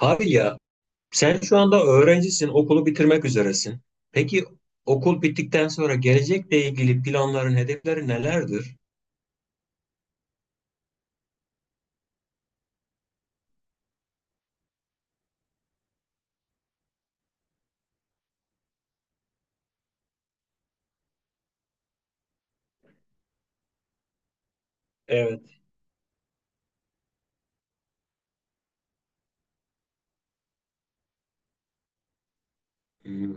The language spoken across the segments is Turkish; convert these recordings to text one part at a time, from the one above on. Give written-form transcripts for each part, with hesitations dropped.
Abi ya, sen şu anda öğrencisin, okulu bitirmek üzeresin. Peki okul bittikten sonra gelecekle ilgili planların, hedeflerin nelerdir? Evet. Hmm.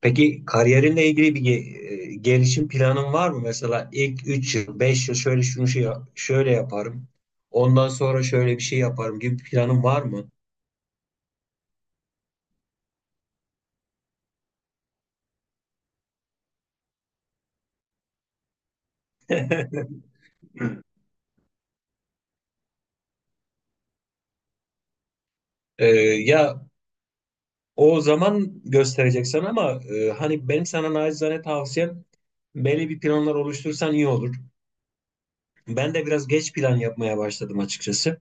Peki kariyerinle ilgili gelişim planın var mı? Mesela ilk 3 yıl, 5 yıl şöyle şöyle yaparım. Ondan sonra şöyle bir şey yaparım gibi bir planın var mı? Ee, ya o zaman göstereceksin ama hani benim sana naçizane tavsiyem böyle bir planlar oluştursan iyi olur. Ben de biraz geç plan yapmaya başladım açıkçası.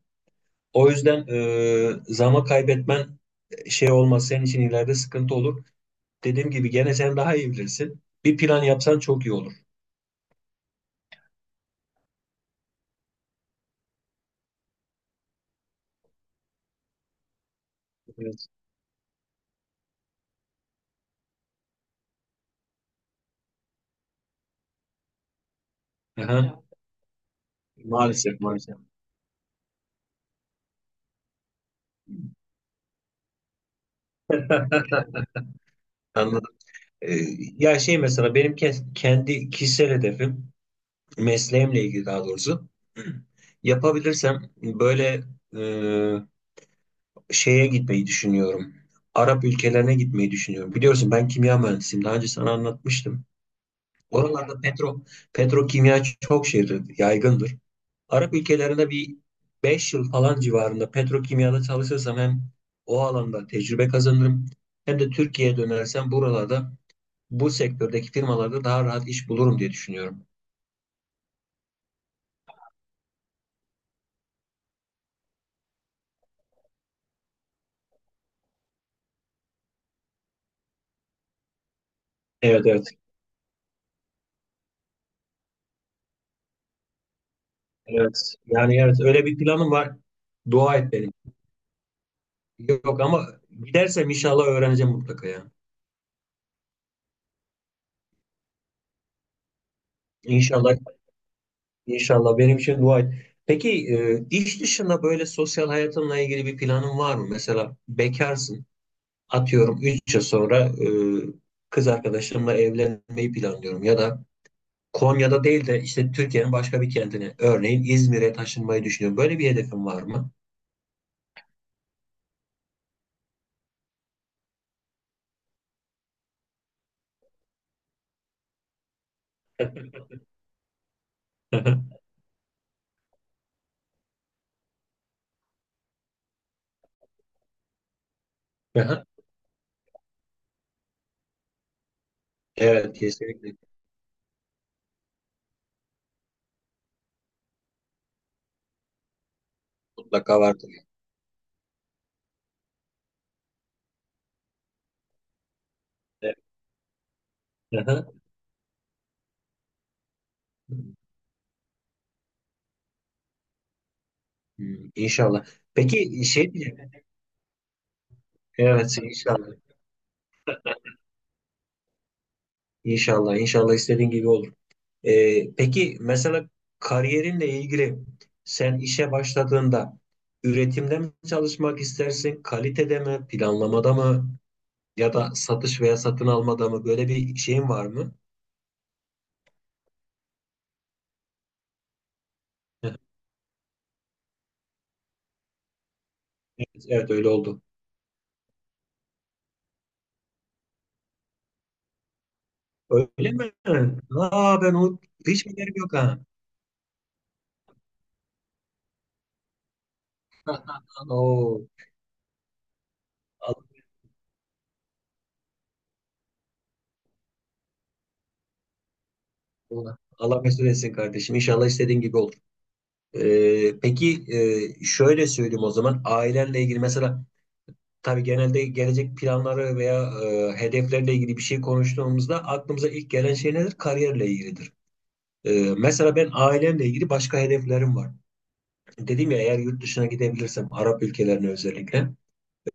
O yüzden zaman kaybetmen şey olmaz, senin için ileride sıkıntı olur. Dediğim gibi gene sen daha iyi bilirsin. Bir plan yapsan çok iyi olur. Evet. Aha. Maalesef, maalesef. Anladım. E, ya şey, mesela benim kendi kişisel hedefim mesleğimle ilgili daha doğrusu yapabilirsem böyle e, şeye gitmeyi düşünüyorum. Arap ülkelerine gitmeyi düşünüyorum. Biliyorsun ben kimya mühendisiyim. Daha önce sana anlatmıştım. Oralarda petrokimya çok şeydir, yaygındır. Arap ülkelerinde bir 5 yıl falan civarında petrokimyada çalışırsam hem o alanda tecrübe kazanırım, hem de Türkiye'ye dönersem buralarda bu sektördeki firmalarda daha rahat iş bulurum diye düşünüyorum. Evet, evet. Evet. Yani evet, öyle bir planım var. Dua et benim. Yok ama gidersem inşallah öğreneceğim mutlaka ya. İnşallah. İnşallah benim için dua et. Peki iş dışında böyle sosyal hayatınla ilgili bir planın var mı? Mesela bekarsın. Atıyorum 3 yıl sonra kız arkadaşımla evlenmeyi planlıyorum. Ya da Konya'da değil de işte Türkiye'nin başka bir kentine. Örneğin İzmir'e taşınmayı düşünüyorum. Böyle bir hedefin var mı? Aha. Evet, kesinlikle. Mutlaka vardır. Evet. Aha. Hmm, İnşallah. Peki şey diyeceğim. Evet, inşallah. İnşallah, inşallah istediğin gibi olur. Peki mesela kariyerinle ilgili sen işe başladığında üretimde mi çalışmak istersin, kalitede mi, planlamada mı, ya da satış veya satın almada mı, böyle bir şeyin var mı? Evet, evet, öyle oldu. Öyle mi? Aa, ben o hiç haberim yok ha. Oo, Allah, Allah Allah mesul etsin kardeşim. İnşallah istediğin gibi olur. Peki şöyle söyleyeyim, o zaman ailenle ilgili mesela. Tabii genelde gelecek planları veya hedeflerle ilgili bir şey konuştuğumuzda aklımıza ilk gelen şey nedir? Kariyerle ilgilidir. E, mesela ben ailemle ilgili başka hedeflerim var. Dedim ya, eğer yurt dışına gidebilirsem Arap ülkelerine özellikle.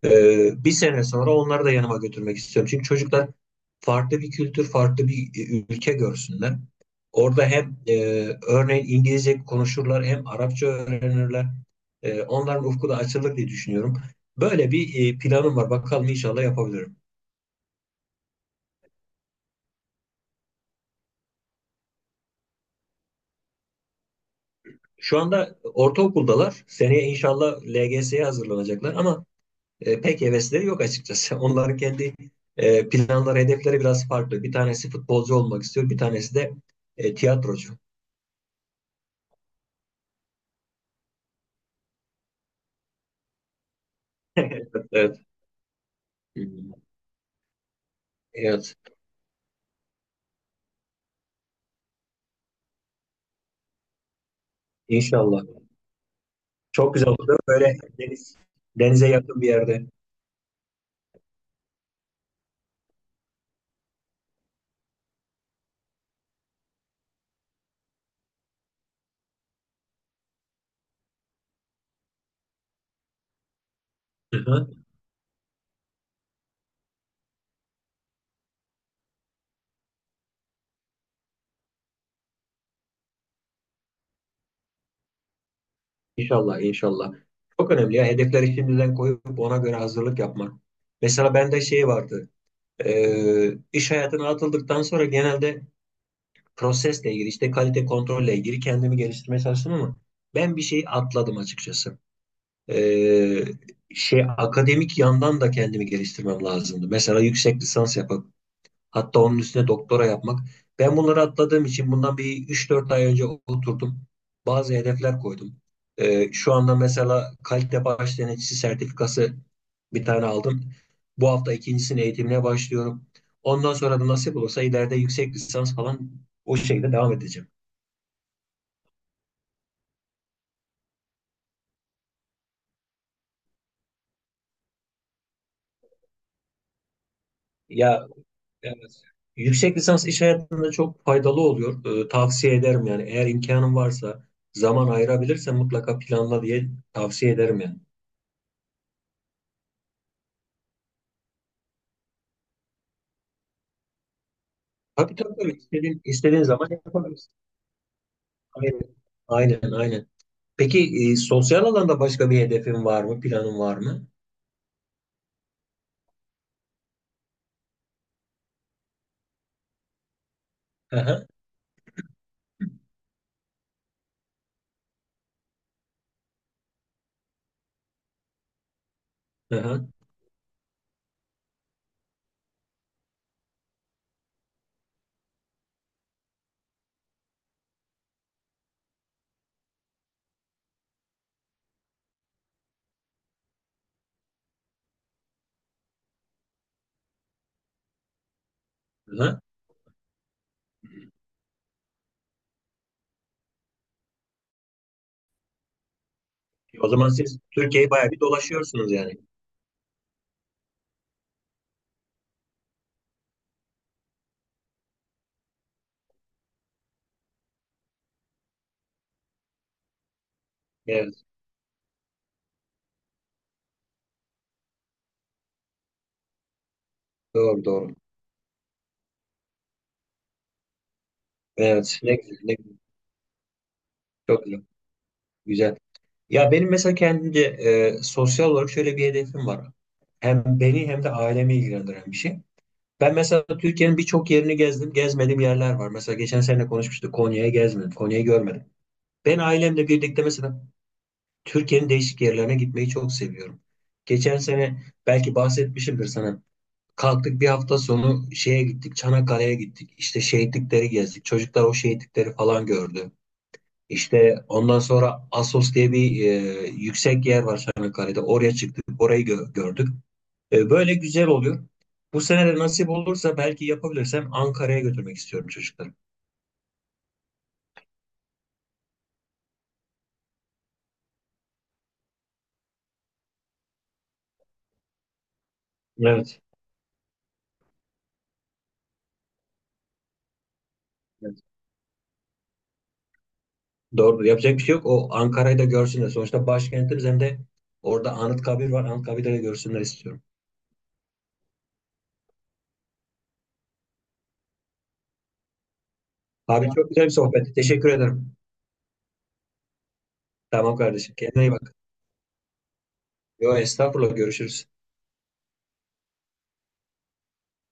Bir sene sonra onları da yanıma götürmek istiyorum. Çünkü çocuklar farklı bir kültür, farklı bir ülke görsünler. Orada hem örneğin İngilizce konuşurlar, hem Arapça öğrenirler. Onların ufku da açılır diye düşünüyorum. Böyle bir planım var. Bakalım inşallah yapabilirim. Şu anda ortaokuldalar. Seneye inşallah LGS'ye hazırlanacaklar ama pek hevesleri yok açıkçası. Onların kendi planları, hedefleri biraz farklı. Bir tanesi futbolcu olmak istiyor, bir tanesi de tiyatrocu. Evet, evet. Hmm. Evet. İnşallah. Çok güzel olur. Böyle deniz, denize yakın bir yerde. Hı hı. İnşallah, inşallah. Çok önemli ya. Hedefleri şimdiden koyup ona göre hazırlık yapmak. Mesela bende şey vardı. İş hayatına atıldıktan sonra genelde prosesle ilgili, işte kalite kontrolle ilgili kendimi geliştirmeye çalıştım ama ben bir şey atladım açıkçası. Ee, şey, akademik yandan da kendimi geliştirmem lazımdı. Mesela yüksek lisans yap. Hatta onun üstüne doktora yapmak. Ben bunları atladığım için bundan bir üç dört ay önce oturdum. Bazı hedefler koydum. Şu anda mesela kalite baş denetçisi sertifikası bir tane aldım. Bu hafta ikincisinin eğitimine başlıyorum. Ondan sonra da nasip olursa ileride yüksek lisans falan o şekilde devam edeceğim. Ya, evet. Yüksek lisans iş hayatında çok faydalı oluyor. Tavsiye ederim yani. Eğer imkanın varsa, zaman ayırabilirsen mutlaka planla diye tavsiye ederim yani. Tabii, tabii, tabii. İstediğin zaman yapabilirsin. Aynen. Aynen, aynen. Peki sosyal alanda başka bir hedefin var mı? Planın var mı? Hı hı. Hı hı. Hı. O zaman siz Türkiye'yi bayağı bir dolaşıyorsunuz yani. Evet. Doğru, doğru. Evet. Ne güzel. Ne güzel. Çok güzel. Güzel. Ya benim mesela kendimce sosyal olarak şöyle bir hedefim var. Hem beni hem de ailemi ilgilendiren bir şey. Ben mesela Türkiye'nin birçok yerini gezdim. Gezmediğim yerler var. Mesela geçen sene konuşmuştuk. Konya'yı gezmedim. Konya'yı görmedim. Ben ailemle birlikte mesela Türkiye'nin değişik yerlerine gitmeyi çok seviyorum. Geçen sene belki bahsetmişimdir sana. Kalktık bir hafta sonu şeye gittik, Çanakkale'ye gittik. İşte şehitlikleri gezdik. Çocuklar o şehitlikleri falan gördü. İşte ondan sonra Assos diye bir yüksek yer var Çanakkale'de. Oraya çıktık, orayı gördük. Böyle güzel oluyor. Bu sene de nasip olursa belki yapabilirsem Ankara'ya götürmek istiyorum çocukları. Evet. Doğru. Yapacak bir şey yok. O Ankara'yı da görsünler. Sonuçta başkentimiz, hem de orada Anıtkabir var. Anıtkabir'i de görsünler istiyorum. Abi çok güzel bir sohbetti. Teşekkür ederim. Tamam kardeşim. Kendine iyi bak. Yo, estağfurullah. Görüşürüz.